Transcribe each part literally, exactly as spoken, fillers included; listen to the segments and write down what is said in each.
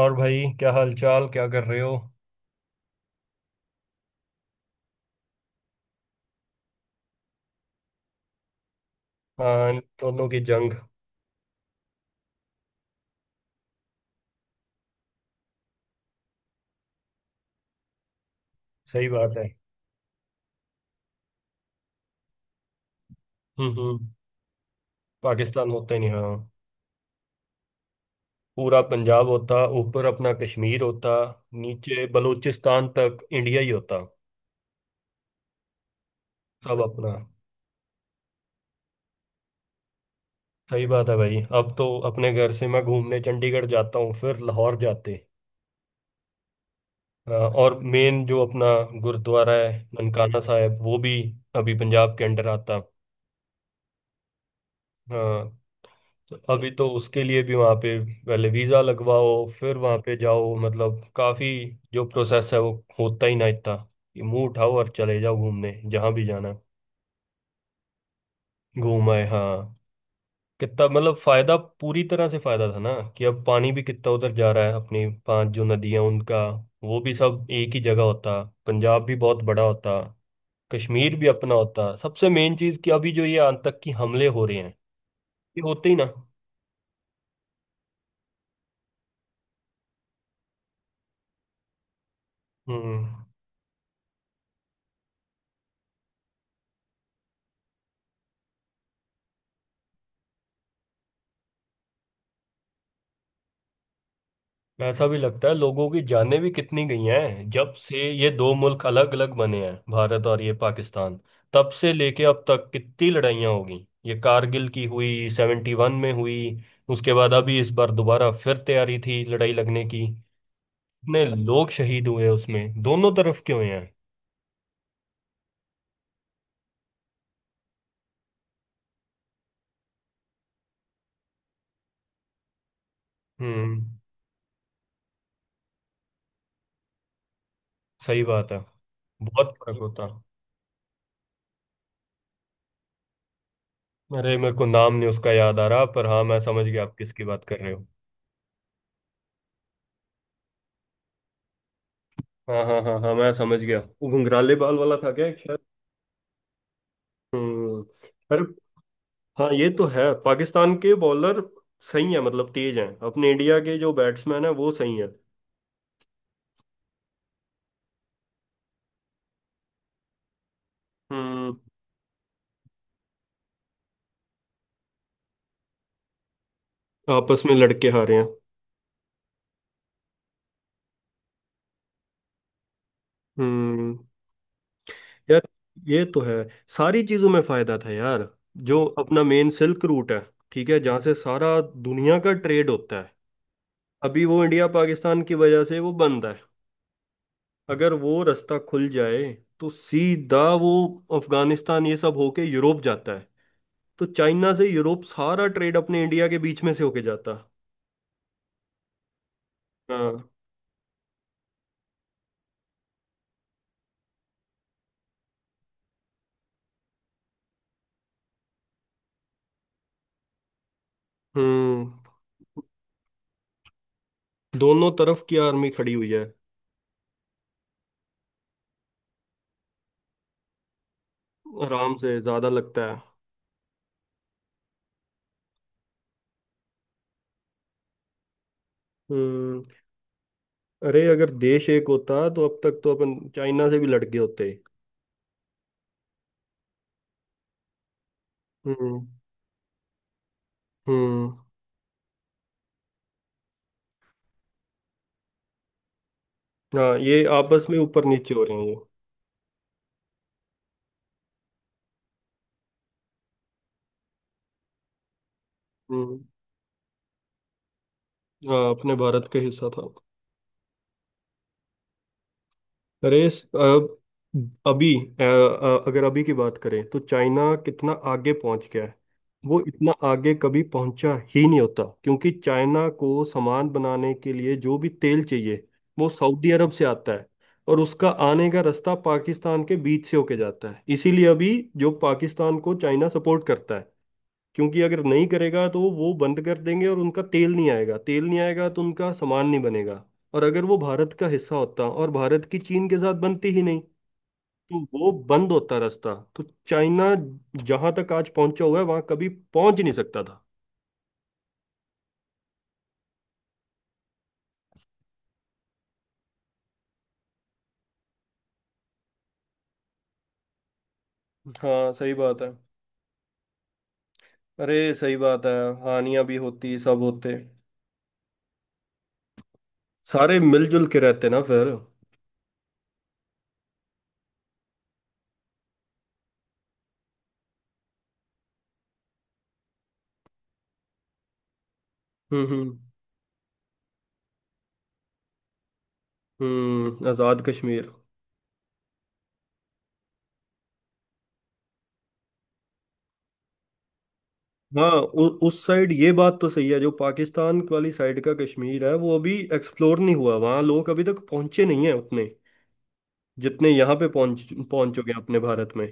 और भाई, क्या हालचाल? क्या कर रहे हो? हाँ, इन दोनों की जंग। सही बात है। हम्म हम्म। पाकिस्तान होता ही नहीं, हाँ। पूरा पंजाब होता, ऊपर अपना कश्मीर होता, नीचे बलूचिस्तान तक इंडिया ही होता। सब अपना। सही बात है भाई। अब तो अपने घर से मैं घूमने चंडीगढ़ जाता हूँ, फिर लाहौर जाते। हाँ, और मेन जो अपना गुरुद्वारा है ननकाना साहिब, वो भी अभी पंजाब के अंडर आता। हाँ, तो अभी तो उसके लिए भी वहाँ पे पहले वीज़ा लगवाओ, फिर वहाँ पे जाओ, मतलब काफ़ी जो प्रोसेस है वो होता ही ना इतना कि मुंह उठाओ और चले जाओ घूमने जहाँ भी जाना है। घूम आए, हाँ। कितना मतलब फ़ायदा, पूरी तरह से फ़ायदा था ना। कि अब पानी भी कितना उधर जा रहा है, अपनी पांच जो नदियाँ, उनका वो भी सब एक ही जगह होता। पंजाब भी बहुत बड़ा होता, कश्मीर भी अपना होता। सबसे मेन चीज़ कि अभी जो ये आतंकी हमले हो रहे हैं, ये होते ही ना। हम्म। ऐसा भी लगता है, लोगों की जानें भी कितनी गई हैं जब से ये दो मुल्क अलग अलग बने हैं, भारत और ये पाकिस्तान। तब से लेके अब तक कितनी लड़ाइयाँ हो गई। ये कारगिल की हुई, सेवेंटी वन में हुई, उसके बाद अभी इस बार दोबारा फिर तैयारी थी लड़ाई लगने की। इतने लोग शहीद हुए उसमें दोनों तरफ के हुए हैं। हम्म, सही बात है। बहुत फर्क होता। अरे, मेरे को नाम नहीं उसका याद आ रहा, पर हाँ मैं समझ गया आप किसकी बात कर रहे हो। हाँ हाँ हाँ हाँ, मैं समझ गया। वो घुंघराले बाल वाला था क्या? हम्म। अरे हाँ, ये तो है, पाकिस्तान के बॉलर सही है मतलब, तेज हैं। अपने इंडिया के जो बैट्समैन है वो सही है। हम्म, आपस में लड़के हारे हैं। हम्म। यार, ये तो है, सारी चीजों में फायदा था यार। जो अपना मेन सिल्क रूट है, ठीक है, जहाँ से सारा दुनिया का ट्रेड होता है, अभी वो इंडिया पाकिस्तान की वजह से वो बंद है। अगर वो रास्ता खुल जाए तो सीधा वो अफगानिस्तान ये सब होके यूरोप जाता है। तो चाइना से यूरोप सारा ट्रेड अपने इंडिया के बीच में से होके जाता। हाँ। हम्म। दोनों तरफ की आर्मी खड़ी हुई है। आराम से ज्यादा लगता है। हम्म। अरे, अगर देश एक होता तो अब तक तो अपन चाइना से भी लड़ गए होते। हम्म हम्म। हाँ, ये आपस में ऊपर नीचे हो रहे हैं ये। हम्म। हाँ, अपने भारत का हिस्सा था। अरे, स- अब अभी अ, अ, अगर अभी की बात करें तो चाइना कितना आगे पहुंच गया है। वो इतना आगे कभी पहुंचा ही नहीं होता, क्योंकि चाइना को सामान बनाने के लिए जो भी तेल चाहिए वो सऊदी अरब से आता है। और उसका आने का रास्ता पाकिस्तान के बीच से होके जाता है, इसीलिए अभी जो पाकिस्तान को चाइना सपोर्ट करता है, क्योंकि अगर नहीं करेगा तो वो बंद कर देंगे और उनका तेल नहीं आएगा, तेल नहीं आएगा तो उनका सामान नहीं बनेगा। और अगर वो भारत का हिस्सा होता और भारत की चीन के साथ बनती ही नहीं तो वो बंद होता रास्ता, तो चाइना जहां तक आज पहुंचा हुआ है वहां कभी पहुंच ही नहीं सकता था। हाँ, सही बात है। अरे, सही बात है। हानियां भी होती, सब होते। सारे मिलजुल के रहते ना फिर। हम्म हम्म हम्म। आजाद कश्मीर। हाँ, उ, उस साइड ये बात तो सही है। जो पाकिस्तान वाली साइड का कश्मीर है, वो अभी एक्सप्लोर नहीं हुआ। वहाँ लोग अभी तक पहुंचे नहीं हैं उतने जितने यहाँ पे पहुंच पहुंचोगे अपने भारत में।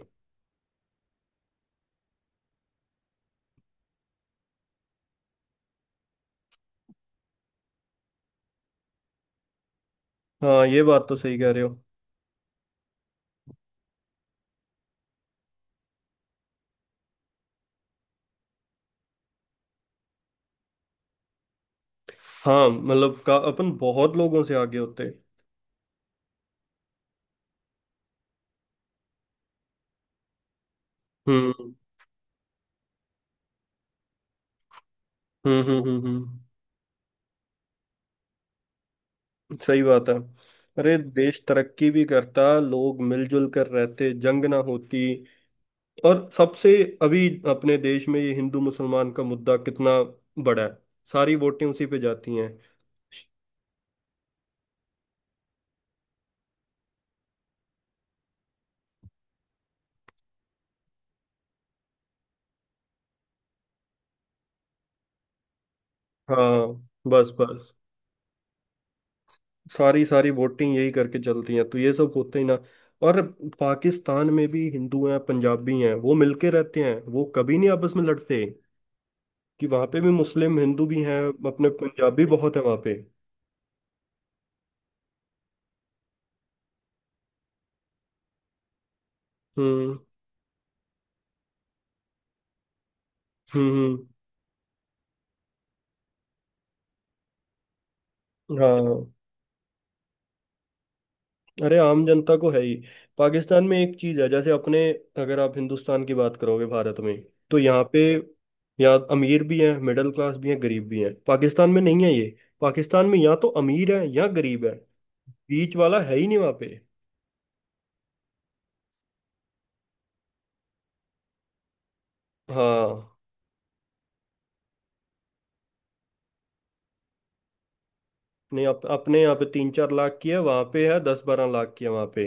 हाँ, ये बात तो सही कह रहे हो। हाँ, मतलब का अपन बहुत लोगों से आगे होते हैं। हम्म हम्म हम्म हम्म हम्म, सही बात है। अरे, देश तरक्की भी करता, लोग मिलजुल कर रहते, जंग ना होती। और सबसे, अभी अपने देश में ये हिंदू मुसलमान का मुद्दा कितना बड़ा है, सारी वोटें उसी पे जाती हैं। हाँ, बस बस। सारी सारी वोटिंग यही करके चलती हैं, तो ये सब होता ही ना। और पाकिस्तान में भी हिंदू हैं, पंजाबी हैं, वो मिलके रहते हैं, वो कभी नहीं आपस में लड़ते। कि वहाँ पे भी मुस्लिम हिंदू भी हैं। अपने पंजाबी बहुत है वहाँ पे। हम्म हम्म हम्म, हाँ। अरे, आम जनता को है ही। पाकिस्तान में एक चीज है, जैसे अपने अगर आप हिंदुस्तान की बात करोगे, भारत में तो यहाँ पे, यहाँ अमीर भी हैं, मिडिल क्लास भी हैं, गरीब भी हैं। पाकिस्तान में नहीं है ये, पाकिस्तान में या तो अमीर है या गरीब है। बीच वाला है ही नहीं वहाँ पे। हाँ, नहीं अप, अपने यहाँ पे तीन चार लाख की है, वहाँ पे है दस बारह लाख की है वहाँ पे।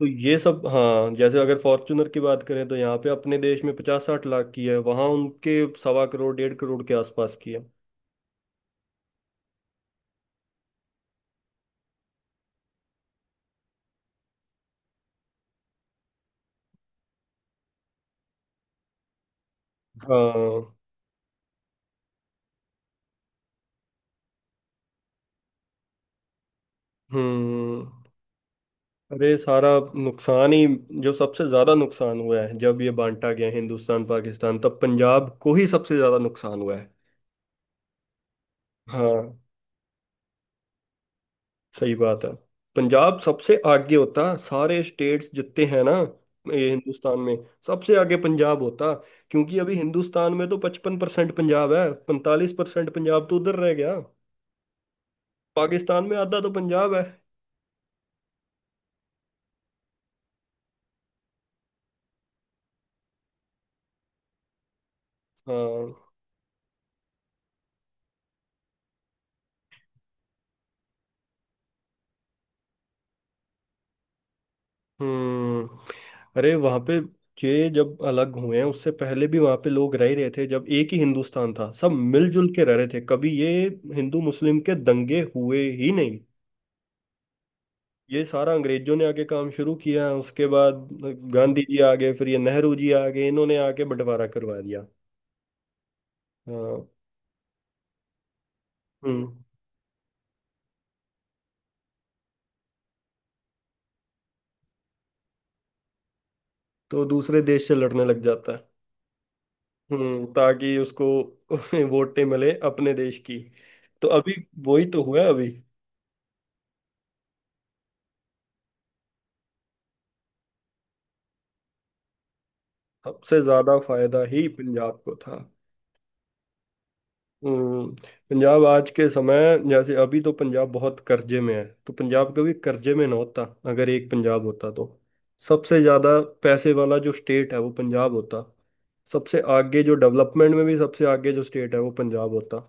तो ये सब, हाँ, जैसे अगर फॉर्चुनर की बात करें तो यहाँ पे अपने देश में पचास साठ लाख की है, वहाँ उनके सवा करोड़ डेढ़ करोड़ के आसपास की है। हाँ। हम्म। अरे, सारा नुकसान ही। जो सबसे ज्यादा नुकसान हुआ है जब ये बांटा गया हिंदुस्तान पाकिस्तान, तब पंजाब को ही सबसे ज्यादा नुकसान हुआ है। हाँ, सही बात है। पंजाब सबसे आगे होता, सारे स्टेट्स जितने हैं ना ये हिंदुस्तान में, सबसे आगे पंजाब होता। क्योंकि अभी हिंदुस्तान में तो पचपन परसेंट पंजाब है, पैंतालीस परसेंट पंजाब तो उधर रह गया। पाकिस्तान में आधा तो पंजाब है। हाँ। हम्म। अरे, वहां पे ये जब अलग हुए हैं उससे पहले भी वहां पे लोग रह ही रहे थे। जब एक ही हिंदुस्तान था सब मिलजुल के रह रहे थे, कभी ये हिंदू मुस्लिम के दंगे हुए ही नहीं। ये सारा अंग्रेजों ने आके काम शुरू किया, उसके बाद गांधी जी आ गए, फिर ये नेहरू जी आ गए, इन्होंने आके बंटवारा करवा दिया। हाँ। हम्म। तो दूसरे देश से लड़ने लग जाता है। हम्म, ताकि उसको वोटें मिले अपने देश की। तो अभी वही तो हुआ है अभी। सबसे ज्यादा फायदा ही पंजाब को था। हम्म, पंजाब आज के समय जैसे अभी तो पंजाब बहुत कर्जे में है। तो पंजाब कभी कर्जे में ना होता अगर एक पंजाब होता तो। सबसे ज्यादा पैसे वाला जो स्टेट है वो पंजाब होता। सबसे आगे जो डेवलपमेंट में भी सबसे आगे जो स्टेट है वो पंजाब होता।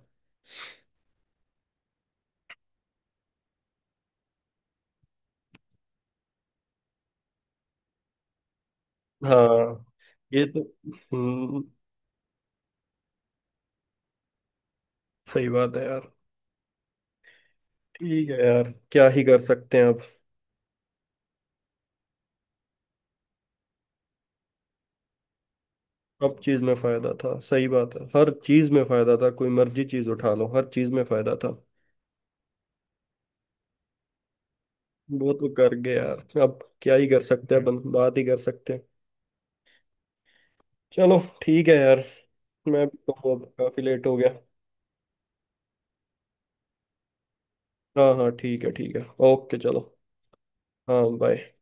हाँ, ये तो। हम्म, सही बात है यार। ठीक है यार, क्या ही कर सकते हैं अब। सब चीज में फायदा था, सही बात है। हर चीज में फायदा था, कोई मर्जी चीज उठा लो, हर चीज में फायदा था। वो तो कर गए यार, अब क्या ही कर सकते हैं, बन बात ही कर सकते हैं। चलो ठीक है यार। मैं भी तो अब काफी लेट हो गया। हाँ हाँ, ठीक है ठीक है। ओके, चलो। हाँ, बाय।